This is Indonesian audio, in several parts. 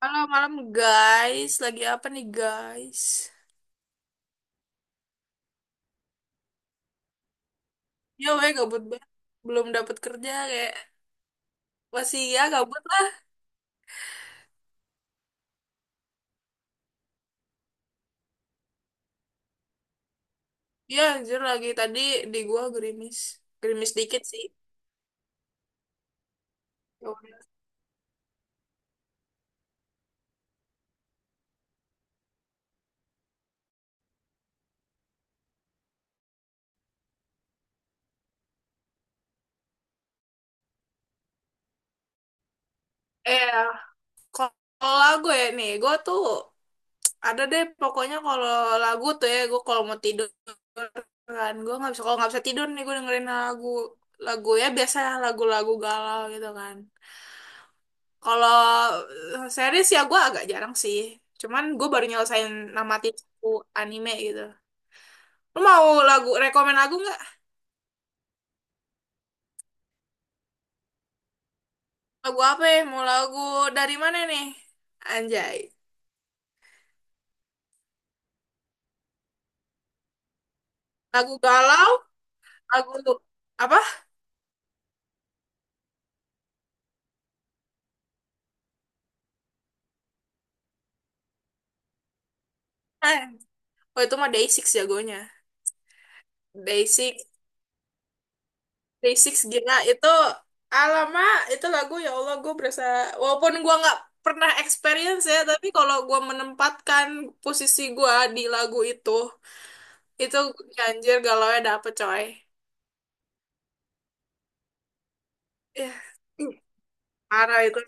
Halo malam guys, lagi apa nih guys? Ya weh gabut banget, belum dapat kerja kayak masih ya gabut lah. Ya anjir lagi tadi di gua gerimis, gerimis dikit sih. Ya udah. Ya, kalau lagu ya nih, gua tuh ada deh pokoknya kalau lagu tuh ya gua kalau mau tidur kan gua nggak bisa kalau nggak bisa tidur nih gua dengerin lagu lagu ya biasa lagu-lagu galau gitu kan. Kalau series ya gue agak jarang sih. Cuman gue baru nyelesain namati satu anime gitu. Lu mau lagu, rekomen lagu nggak? Lagu apa ya? Mau lagu dari mana nih? Anjay. Lagu galau? Lagu apa? Eh, oh itu mah Day6 jagonya. Day6, Day6 gila itu alamak itu lagu ya Allah gue berasa walaupun gue nggak pernah experience ya tapi kalau gue menempatkan posisi gue di lagu itu. Itu ganjir galaunya dapet coy. Ya, ih, parah itu.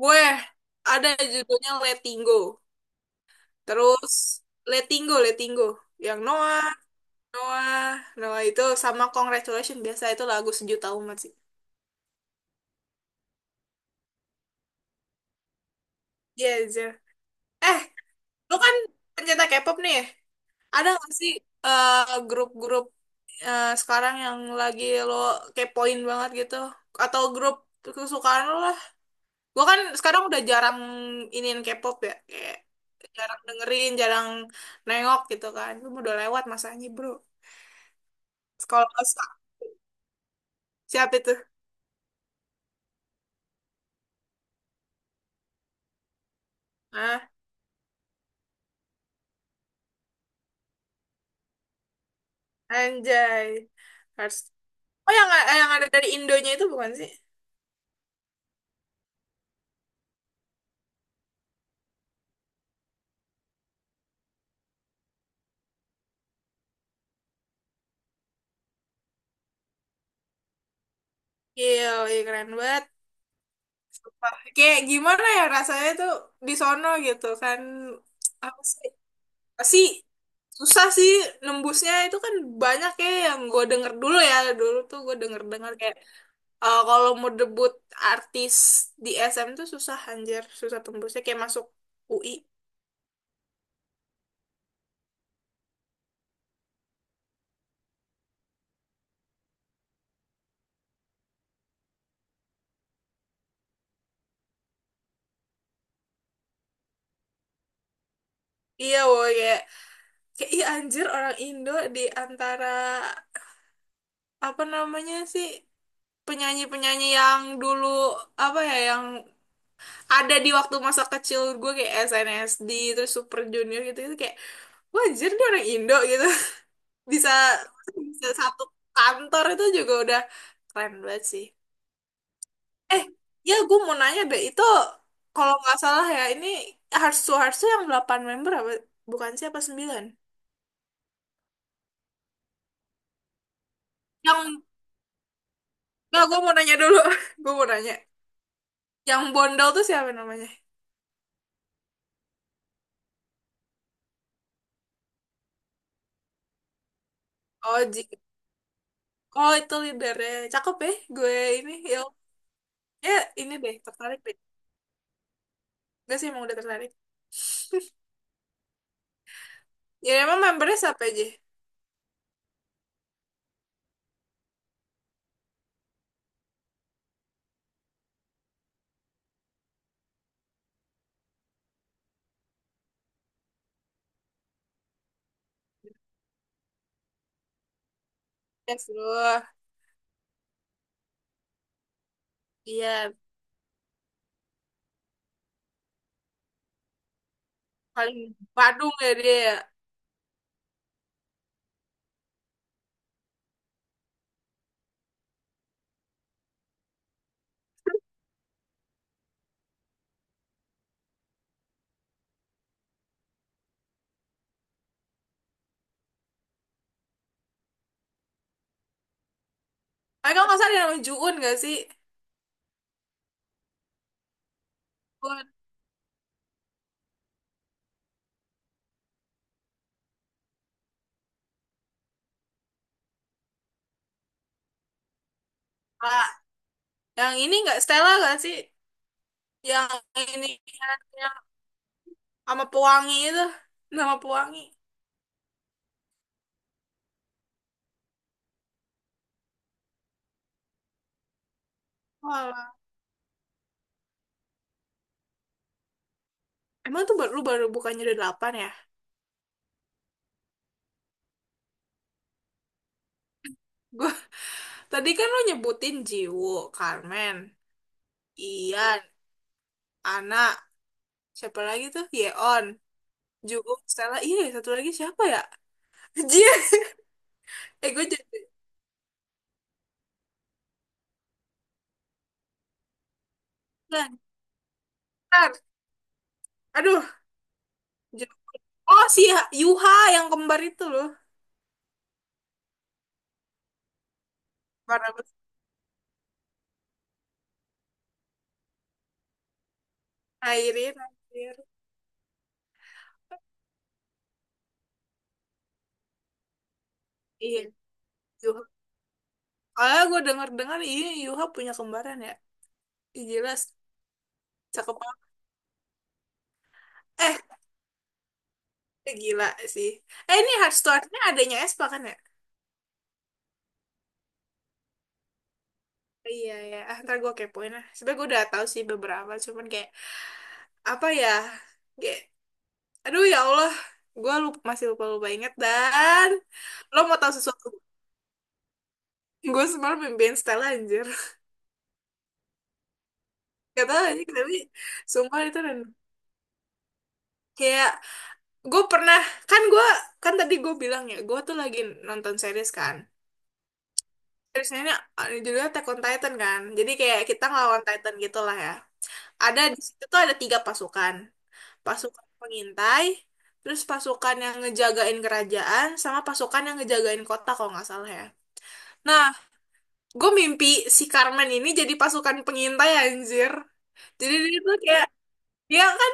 Gue ada judulnya Letting Go. Terus Letting Go, Letting Go. Yang Noah, Noah, Noah itu sama Congratulations. Biasa itu lagu sejuta umat sih. Iya, iya. Eh, lu kan pencinta K-pop nih. Ada nggak sih eh, grup-grup sekarang yang lagi lo kepoin banget gitu? Atau grup kesukaan lo lah? Gue kan sekarang udah jarang iniin K-pop ya, kayak jarang dengerin, jarang nengok gitu kan. Gue udah lewat masanya bro. Sekolah otak. Siapa itu? Ah, anjay. Harus. Oh yang, yang ada dari Indonya itu bukan sih? Gil, ih, keren banget. Wah, kayak gimana ya rasanya tuh di sono gitu kan. Apa sih? Pasti susah sih nembusnya itu kan banyak ya yang gue denger dulu ya. Dulu tuh gue denger-denger kayak kalau mau debut artis di SM tuh susah anjir, susah tembusnya kayak masuk UI. Iya woy, kayak, kayak iya anjir orang Indo di antara apa namanya sih penyanyi-penyanyi yang dulu apa ya yang ada di waktu masa kecil gue kayak SNSD terus Super Junior gitu itu kayak wah anjir dia orang Indo gitu bisa bisa satu kantor itu juga udah keren banget sih. Eh, ya gue mau nanya deh, itu kalau nggak salah ya, ini Harsu Harsu yang 8 member apa? Bukan siapa 9. Yang, nggak gue mau nanya dulu. Gue mau nanya. Yang Bondol tuh siapa namanya? Oh, Ji. Oh, itu leadernya. Cakep ya, gue ini. Ya, ya ini deh, tertarik deh. Gue sih emang udah tertarik. Ya, emang membernya siapa aja? Ya, seluruh. Iya, paling Badung ya dia. Ya. Tapi kalau nggak salah ada namanya Juun nggak sih? Juun. Ah, yang ini nggak Stella nggak sih? Yang ini yang sama pewangi itu nama pewangi. Walah. Emang tuh baru lu baru bukannya udah delapan ya? Gua tadi kan lu nyebutin Jiwo, Carmen, Ian, Ana, siapa lagi tuh, Yeon, Jungkook, Stella, iya ya, satu lagi siapa ya? Jia. Gue jadi lancar. Aduh. Jo- Yuha, yang kembar itu loh. Para Airin, Airin. Iya Yuha. Kalau gue denger-dengar iya Yuha punya kembaran ya. Ih, jelas cakep. Eh, gila sih. Eh, ini Hearthstone-nya adanya Espa kan ya? Iya, ya. Ah, ntar gue kepoin lah. Sebenernya gue udah tahu sih beberapa. Cuman kayak, apa ya? Kayak, aduh ya Allah. Gue lupa, masih lupa-lupa inget. Dan lo mau tahu sesuatu? Gue semalam mimpiin Stella anjir. Gak tau aja, tapi sumpah itu dan kayak gue pernah, kan gue kan tadi gue bilang ya gue tuh lagi nonton series kan, seriesnya ini judulnya Attack on Titan, kan jadi kayak kita ngelawan Titan gitu lah ya, ada di situ tuh ada 3 pasukan. Pasukan pengintai, terus pasukan yang ngejagain kerajaan, sama pasukan yang ngejagain kota kalau nggak salah ya. Nah, gue mimpi si Carmen ini jadi pasukan pengintai anjir. Jadi dia tuh kayak dia kan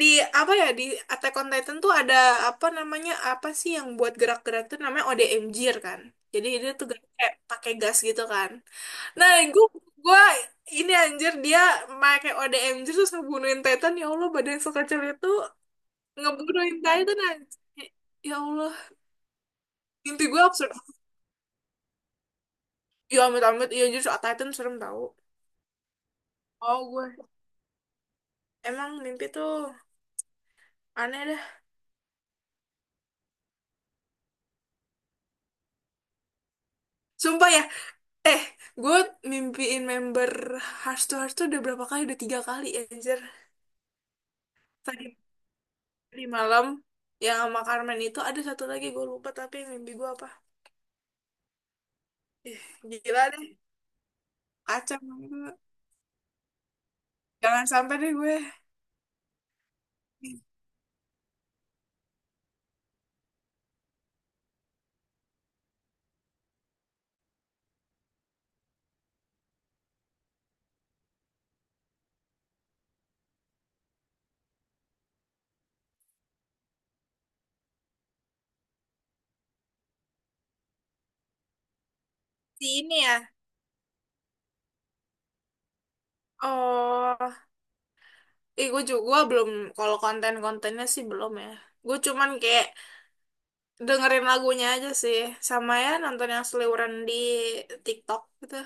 di apa ya di Attack on Titan tuh ada apa namanya apa sih yang buat gerak-gerak tuh namanya ODMG kan. Jadi dia tuh gerak kayak pakai gas gitu kan. Nah, gue ini anjir dia pakai ODMG terus ngebunuhin Titan. Ya Allah, badan sekecil itu ngebunuhin Titan anjir. Ya Allah, mimpi gue absurd. Ya amit-amit, iya anjir, soal Titan serem tau. Oh, gue emang mimpi tuh aneh dah. Sumpah ya, Eh, gue mimpiin member Hearts to Hearts tuh udah berapa kali? Udah 3 kali, anjir. Tadi di malam yang sama Carmen itu ada satu lagi gue lupa tapi mimpi gue apa? Gila deh, kacau banget. Jangan sampai deh gue. Si ini ya. Oh, gue juga gua belum kalau konten-kontennya sih belum ya. Gue cuman kayak dengerin lagunya aja sih, sama ya nonton yang seliweran di TikTok gitu.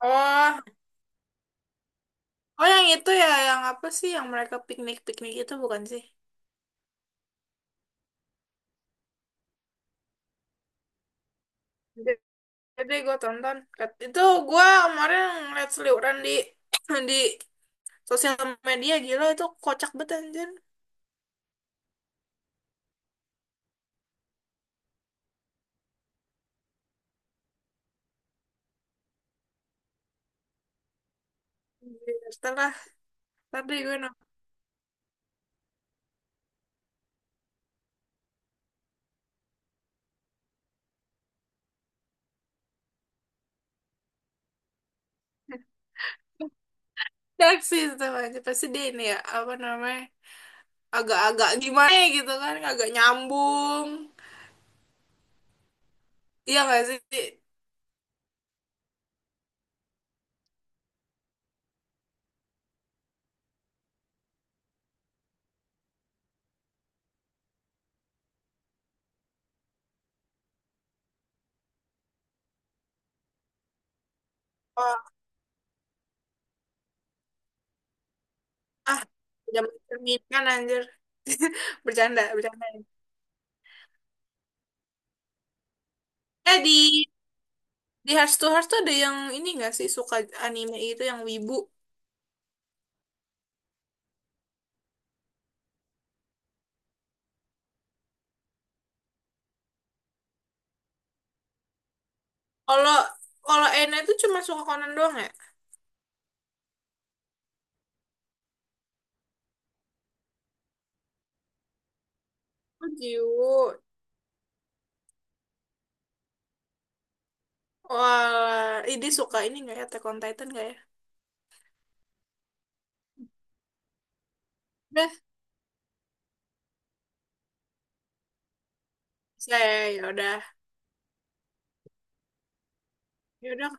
Oh, oh yang itu ya, yang apa sih yang mereka piknik-piknik itu bukan sih? Jadi gue tonton. Itu gue kemarin ngeliat seliuran di di sosial media gila itu kocak banget anjir. Iya, setelah tadi gue nonton. Reaksi setelah aja pasti dia ini ya apa namanya agak-agak gimana ya gitu kan agak nyambung. Iya gak sih? Oh, ah udah mencerminkan anjir. Bercanda, bercanda. Eh di Di Hearts to Hearts tuh ada yang ini nggak sih suka anime itu yang wibu? Kalau kalau Ena itu cuma suka Conan doang ya? Oh, Jiwo. Wah, ini suka ini nggak ya? Attack on Titan nggak ya? Udah, saya ya udah. Ya udah.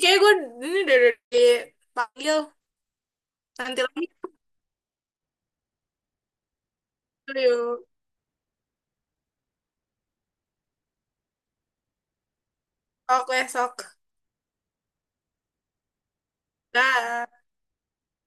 Kayak gue ini dari dipanggil. Nanti lagi dulu yuk. Oke, sok. Dah.